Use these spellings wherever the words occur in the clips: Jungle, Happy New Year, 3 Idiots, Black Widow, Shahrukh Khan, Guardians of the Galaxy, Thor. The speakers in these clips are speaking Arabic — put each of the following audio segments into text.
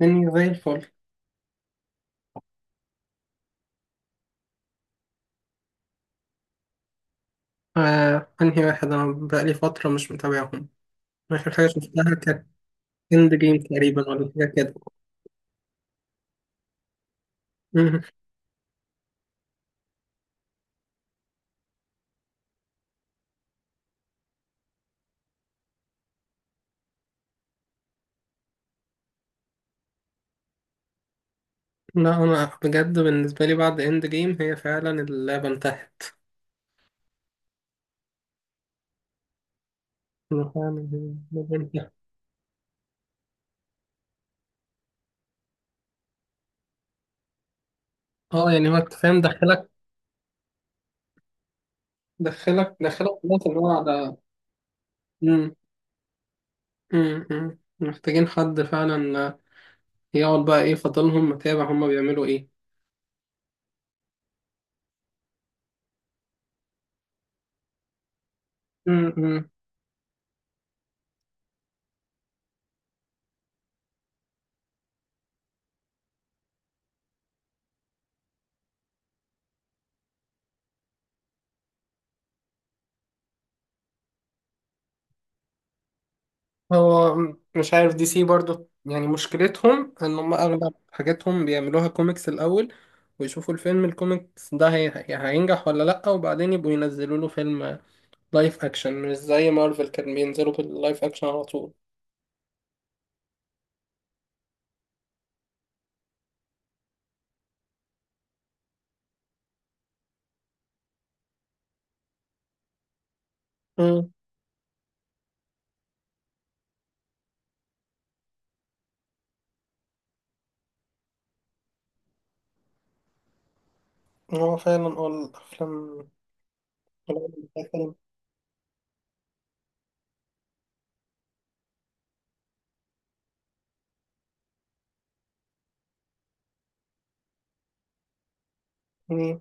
مني زي الفل. آه، أنهي واحد؟ أنا بقالي فترة مش متابعهم. آخر حاجة شفتها كانت إند جيم تقريبا ولا حاجة كده. مم. لا، أنا بجد بالنسبة لي بعد إند جيم هي فعلا اللعبة انتهت. أنا فعلا اللعبة انتهت. يعني هو أنت فاهم دخلك، دخلك. خلاص اللي هو على. مم. محتاجين حد فعلا يقعد بقى. إيه فضلهم متابع؟ هما بيعملوا إيه؟ مم. مش عارف، دي سي برضو يعني مشكلتهم ان هم اغلب حاجاتهم بيعملوها كوميكس الاول، ويشوفوا الفيلم الكوميكس ده هينجح ولا لا، وبعدين يبقوا ينزلوا له فيلم لايف اكشن، مش زي مارفل كان بينزلوا باللايف اكشن على طول. امم، هو فعلا الافلام، الأفلام بتاع فيلم. امم.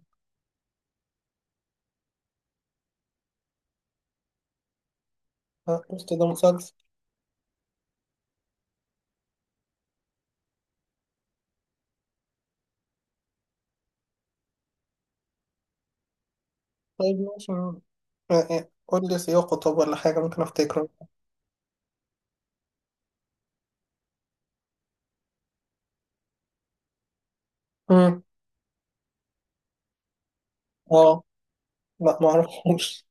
آه، قلت ده مسلسل. طيب ماشي. آه، آه، قول لي سياقه طب ولا حاجة ممكن افتكره. امم. اه، لا معرفوش.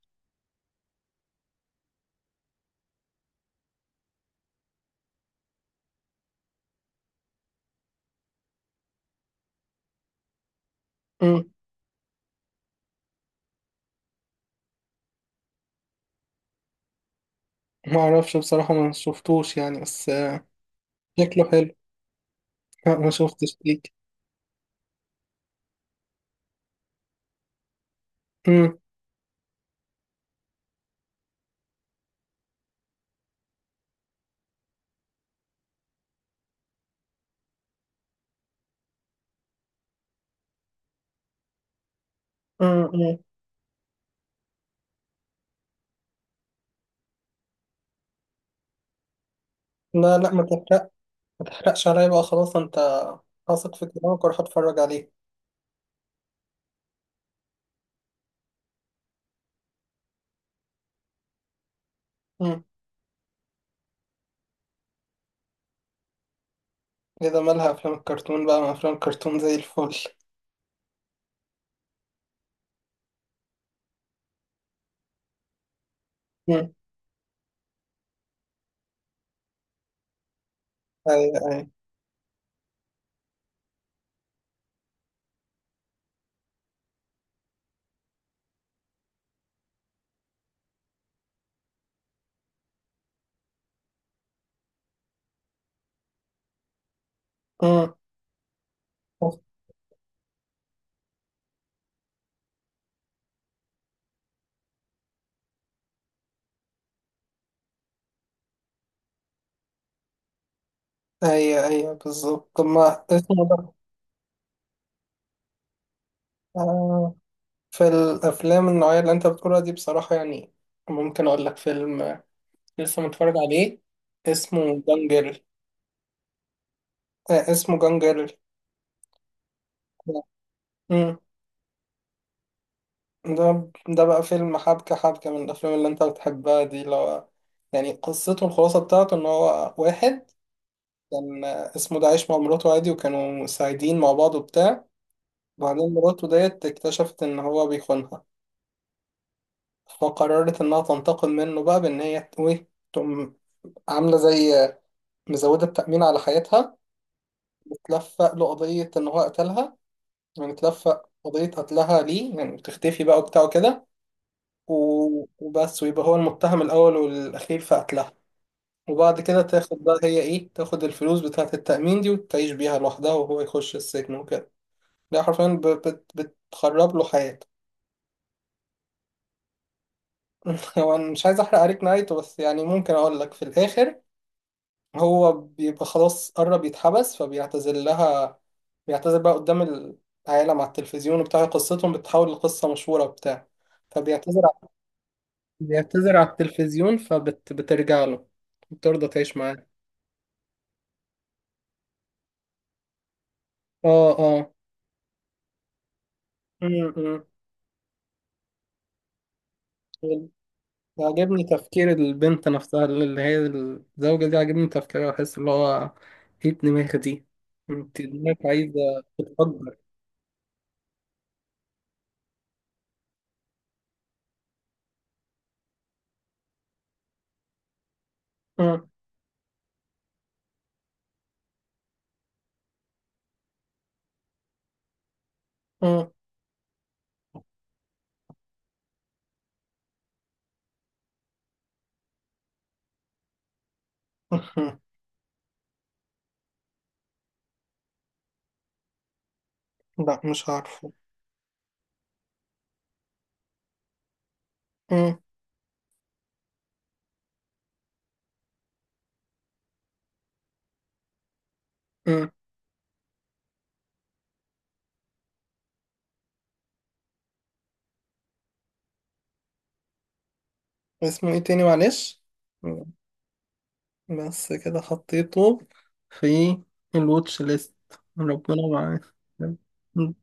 ما اعرفش بصراحة، ما شفتوش يعني، بس آه، شكله حلو. لا ما شفتش ليك. امم. امم. أمم. لا لا، ما تحرق، ما تحرقش عليا بقى. خلاص انت واثق في كلامك وراح اتفرج عليه. امم. اذا مالها افلام الكرتون بقى؟ ما افلام الكرتون زي الفل. امم. ايوه، ايوه. امم. ايوه، ايوه، بالظبط. طب ما اسمه ده؟ آه، في الافلام النوعية اللي انت بتقولها دي بصراحة يعني، ممكن اقول لك فيلم، آه، لسه متفرج عليه، اسمه جانجل. آه، اسمه جانجل. مم. ده ده بقى فيلم حبكة، حبكة من الأفلام اللي أنت بتحبها دي، اللي هو يعني قصته، الخلاصة بتاعته إن هو واحد كان اسمه ده، عايش مع مراته عادي وكانوا سعيدين مع بعض وبتاع. وبعدين مراته ديت اكتشفت إن هو بيخونها، فقررت إنها تنتقم منه بقى بإن هي ت- إيه تقوم عاملة زي مزودة التأمين على حياتها، وتلفق له قضية إن هو قتلها. يعني تلفق قضية قتلها ليه، يعني بتختفي بقى وبتاع وكده، وبس، ويبقى هو المتهم الأول والأخير في قتلها. وبعد كده تاخد بقى هي إيه، تاخد الفلوس بتاعة التأمين دي وتعيش بيها لوحدها، وهو يخش السجن وكده. ده حرفيا بتخرب له حياته. هو أنا مش عايز أحرق عليك نهايته، بس يعني ممكن أقول لك في الآخر هو بيبقى خلاص قرب يتحبس فبيعتذر لها. بيعتذر بقى قدام العالم على التلفزيون وبتاع، قصتهم بتتحول لقصة مشهورة وبتاع. فبيعتذر ع- بيعتذر على التلفزيون فبترجع له، بترضى تعيش معاه. اه، اه. امم. عاجبني تفكير البنت نفسها، اللي هي الزوجة دي، عاجبني تفكيرها. بحس اللي هو ايه الدماغ دي! انت دماغك عايزة تتقدر. مم. مم. مم. لا، مش عارفه. مم. مم. اسمه ايه تاني معلش؟ مم. بس كده حطيته في الواتش ليست. ربنا معاك. مم. مم.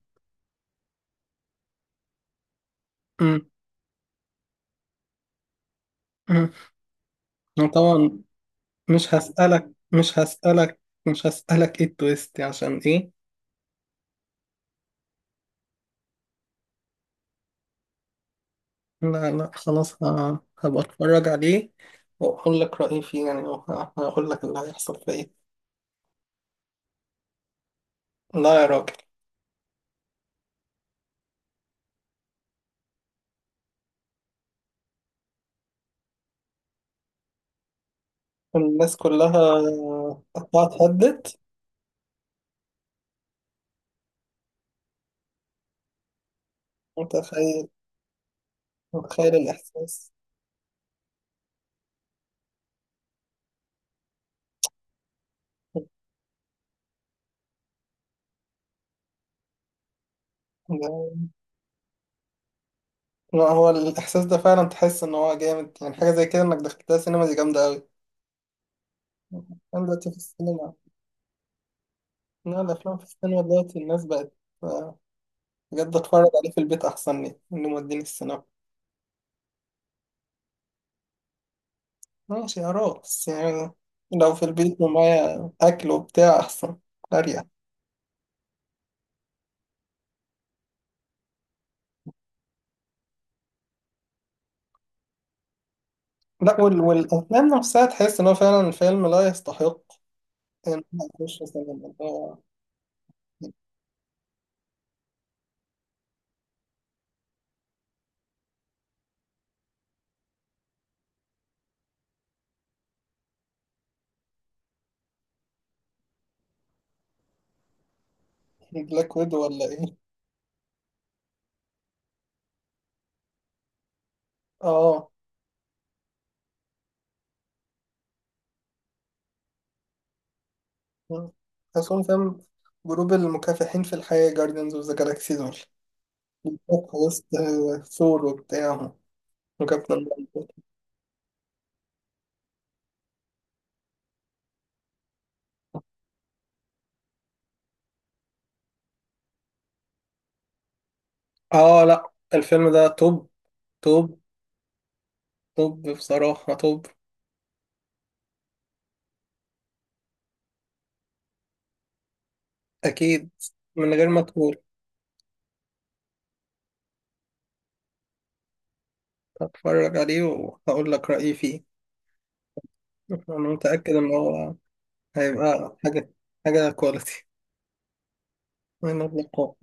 مم. أنا طبعا مش هسألك، مش هسألك، مش هسألك ايه التويست عشان ايه. لا لا خلاص، هبقى اتفرج عليه واقول لك رأيي فيه يعني، وه- هقول لك اللي هيحصل فيه إيه. لا يا راجل. الناس كلها اتهدت. متخيل. متخيل الإحساس ده. لا هو الإحساس ده فعلا تحس إن هو جامد، يعني حاجة زي كده إنك دخلتها سينما دي جامدة أوي. أنا دلوقتي في السينما، لا الأفلام في السينما دلوقتي الناس بقت، آه، بجد أتفرج عليه في البيت أحسن لي إنه موديني السينما. ماشي يا رب، بس يعني لو في البيت ومعايا أكل وبتاع أحسن، أريح. لا وال... والأفلام نفسها تحس إن هو فعلا فيلم لا يستحق إن أنا أخش مثلا. بلاك ويدو ولا إيه؟ آه، أصلا فاهم، جروب المكافحين في الحياة جاردينز أوف ذا جالاكسي دول، وسط ثور وبتاع وكابتن مارفل. آه لا، الفيلم ده توب. توب. توب بصراحة، توب. أكيد، من غير ما تقول. هتفرج عليه وهقول لك رأيي فيه. أنا متأكد إن هو هيبقى حاجة، حاجة كواليتي. من القاء.